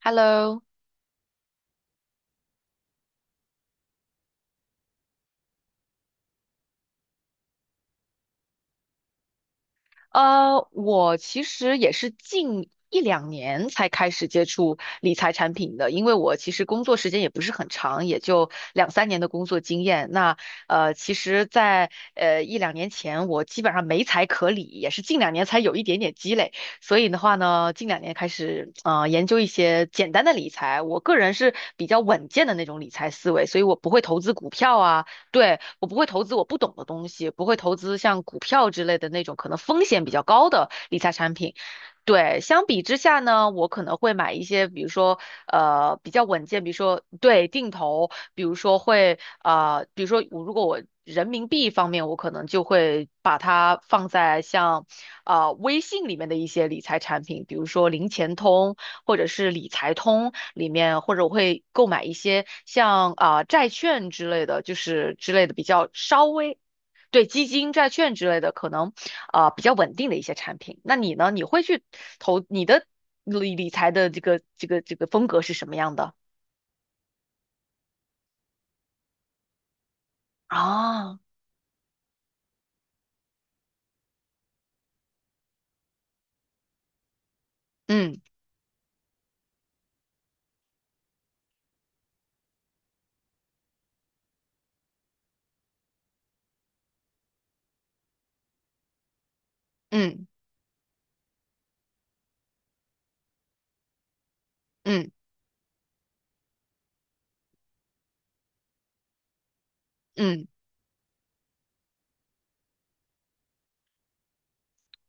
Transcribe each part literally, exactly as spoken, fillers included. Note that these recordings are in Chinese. Hello。呃，我其实也是近一两年才开始接触理财产品的，因为我其实工作时间也不是很长，也就两三年的工作经验。那呃，其实在，呃一两年前，我基本上没财可理，也是近两年才有一点点积累。所以的话呢，近两年开始呃研究一些简单的理财。我个人是比较稳健的那种理财思维，所以我不会投资股票啊。对，我不会投资我不懂的东西，不会投资像股票之类的那种可能风险比较高的理财产品。对，相比之下呢，我可能会买一些，比如说呃比较稳健，比如说对定投，比如说会呃，比如说我如果我人民币方面，我可能就会把它放在像呃微信里面的一些理财产品，比如说零钱通或者是理财通里面，或者我会购买一些像啊、呃债券之类的，就是之类的比较稍微对基金、债券之类的可能啊、呃比较稳定的一些产品。那你呢？你会去投你的理理财的这个这个这个风格是什么样的？啊，嗯嗯嗯嗯嗯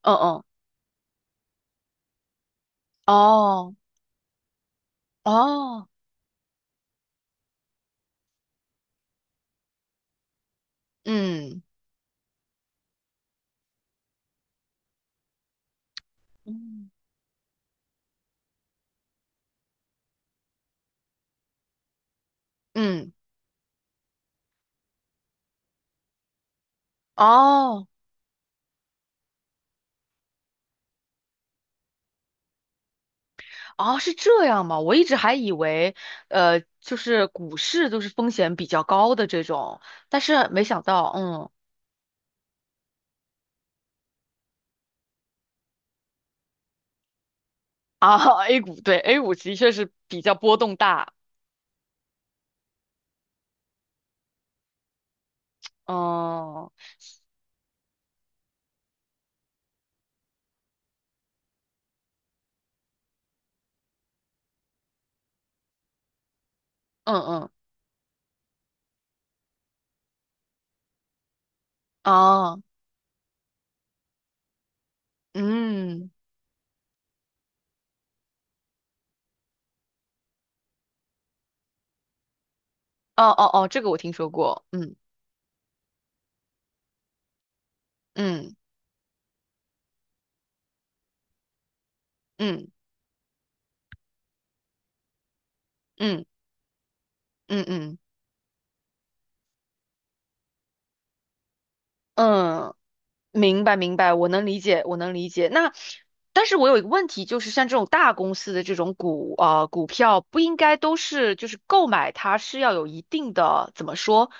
嗯，哦哦，嗯嗯嗯哦。哦，是这样吗？我一直还以为，呃，就是股市都是风险比较高的这种，但是没想到，嗯，啊 ，A 股对 A 股的确是比较波动大，哦，嗯嗯，啊，嗯，哦哦哦，这个我听说过，嗯嗯嗯嗯嗯嗯嗯，明白，明白，我能理解，我能理解。那，但是我有一个问题，就是像这种大公司的这种股啊、呃股票，不应该都是就是购买它是要有一定的怎么说，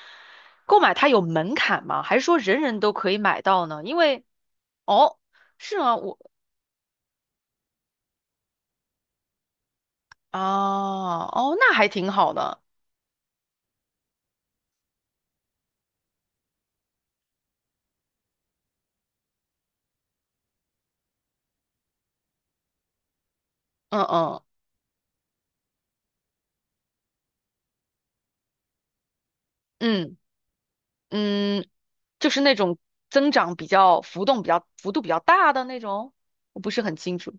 购买它有门槛吗？还是说人人都可以买到呢？因为哦，是吗？我啊，哦，那还挺好的。嗯嗯嗯嗯，就是那种增长比较浮动比较幅度比较大的那种，我不是很清楚。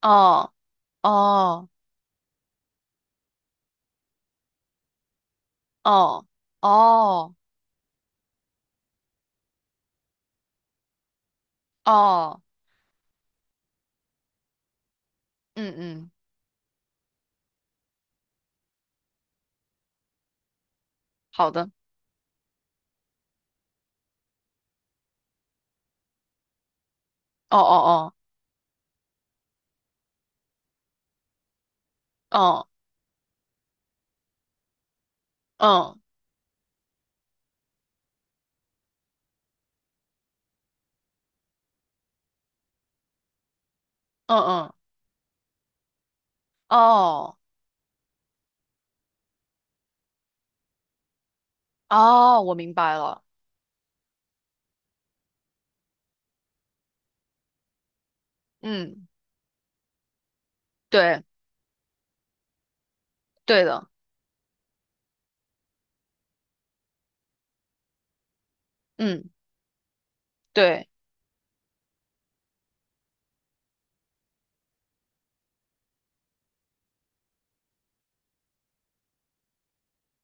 哦哦。哦哦哦，嗯嗯，好的，哦哦哦，哦嗯嗯嗯，哦哦，我明白了，嗯，对对的，嗯对，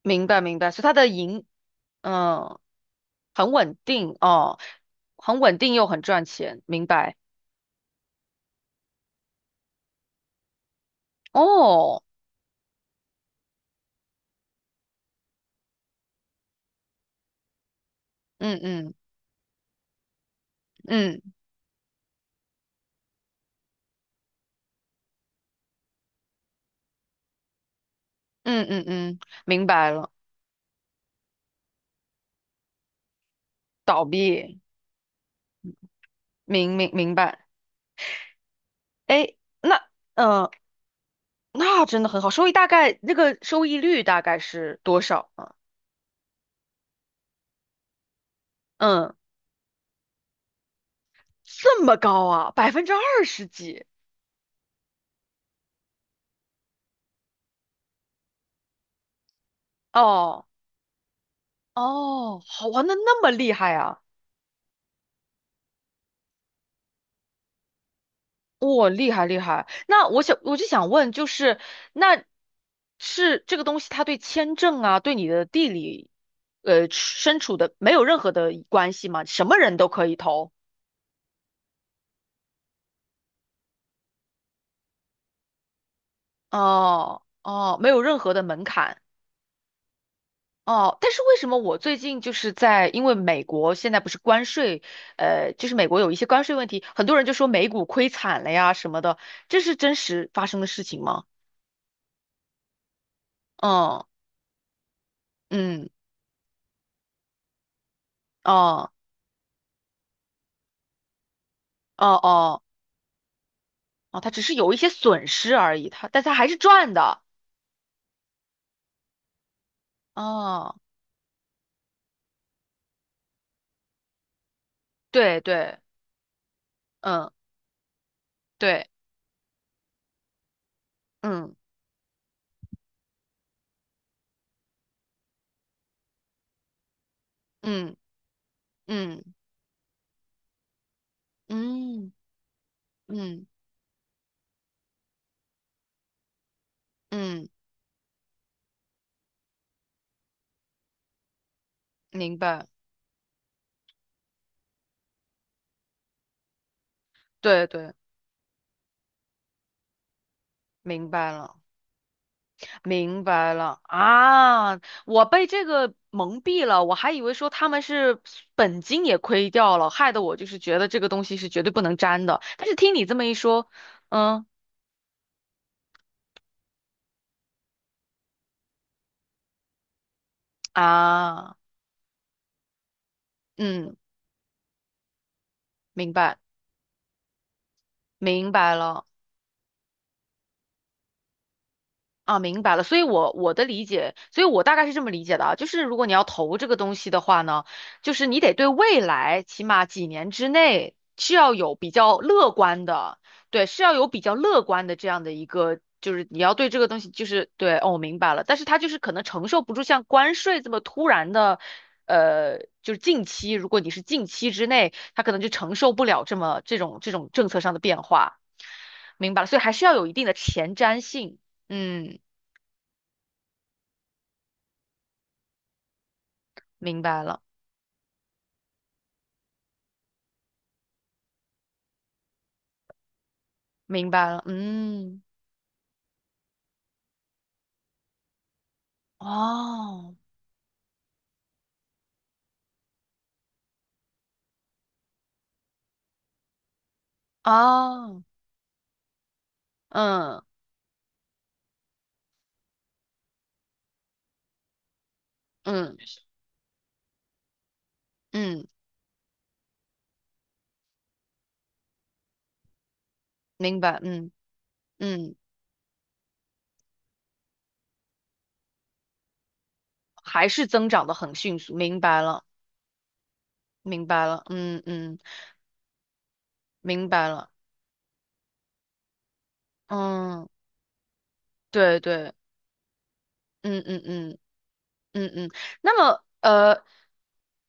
明白明白，所以它的盈，嗯，很稳定哦，很稳定又很赚钱，明白哦，嗯嗯嗯嗯嗯嗯，明白了，倒闭，明明明白，哎，那嗯。呃那真的很好，收益大概那个收益率大概是多少啊？嗯，这么高啊，百分之二十几哦哦，好玩的那么厉害啊，哇、厉害厉害。那我想我就想问，就是那是这个东西，它对签证啊，对你的地理呃身处的没有任何的关系吗？什么人都可以投哦哦，没有任何的门槛。哦，但是为什么我最近就是在，因为美国现在不是关税，呃，就是美国有一些关税问题，很多人就说美股亏惨了呀什么的，这是真实发生的事情吗？嗯嗯，哦哦哦哦，它只是有一些损失而已，它但它还是赚的。哦，对对，嗯对，嗯嗯嗯嗯嗯嗯，嗯明白，对对，明白了。明白了啊，我被这个蒙蔽了，我还以为说他们是本金也亏掉了，害得我就是觉得这个东西是绝对不能沾的。但是听你这么一说，嗯啊，嗯，明白明白了。啊，明白了，所以我我的理解，所以我大概是这么理解的啊，就是如果你要投这个东西的话呢，就是你得对未来起码几年之内是要有比较乐观的，对，是要有比较乐观的这样的一个，就是你要对这个东西就是对，哦，我明白了，但是它就是可能承受不住像关税这么突然的，呃，就是近期，如果你是近期之内，它可能就承受不了这么这种这种政策上的变化，明白了，所以还是要有一定的前瞻性，嗯。明白了，明白了，嗯，哦，哦，嗯嗯嗯，明白，嗯嗯，还是增长的很迅速，明白了，明白了，嗯嗯，明白了，嗯，对对，嗯嗯嗯。嗯嗯，那么呃，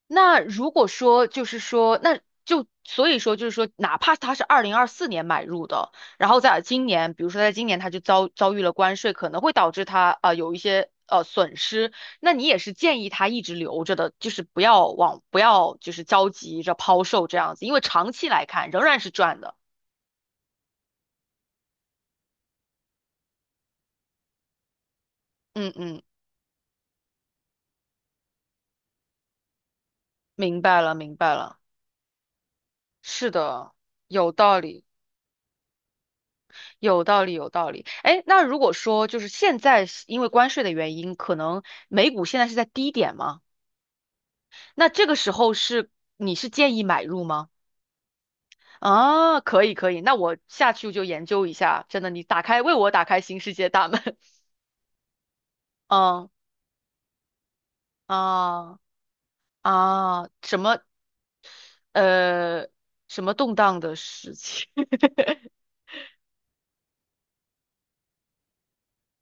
那如果说就是说，那就所以说就是说，哪怕他是二零二四年买入的，然后在今年，比如说在今年他就遭遭遇了关税，可能会导致他呃有一些呃损失，那你也是建议他一直留着的，就是不要往不要就是着急着抛售这样子，因为长期来看仍然是赚的。嗯嗯，明白了明白了，是的，有道理。有道理，有道理。哎，那如果说就是现在是因为关税的原因，可能美股现在是在低点吗？那这个时候是你是建议买入吗？啊，可以可以，那我下去就研究一下。真的，你打开为我打开新世界大门。嗯啊啊，什么呃什么动荡的事情，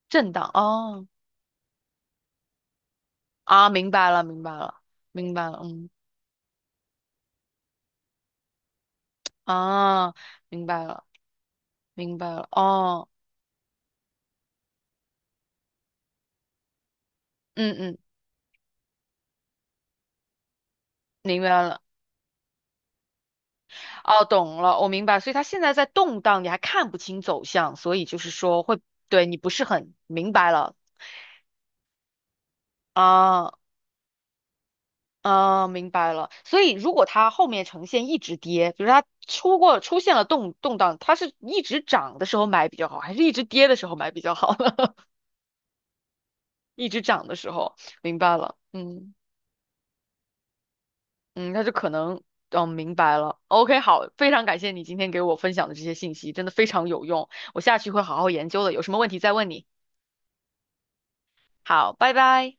震荡哦啊，明白了明白了明白了，嗯啊明白了明白了哦嗯嗯。明白了，哦，懂了，我明白。所以它现在在动荡，你还看不清走向，所以就是说会，对，你不是很明白了啊啊，明白了。所以如果它后面呈现一直跌，比如它出过出现了动动荡，它是一直涨的时候买比较好，还是一直跌的时候买比较好呢？一直涨的时候，明白了，嗯嗯，那就可能。嗯，明白了。OK，好，非常感谢你今天给我分享的这些信息，真的非常有用。我下去会好好研究的，有什么问题再问你。好，拜拜。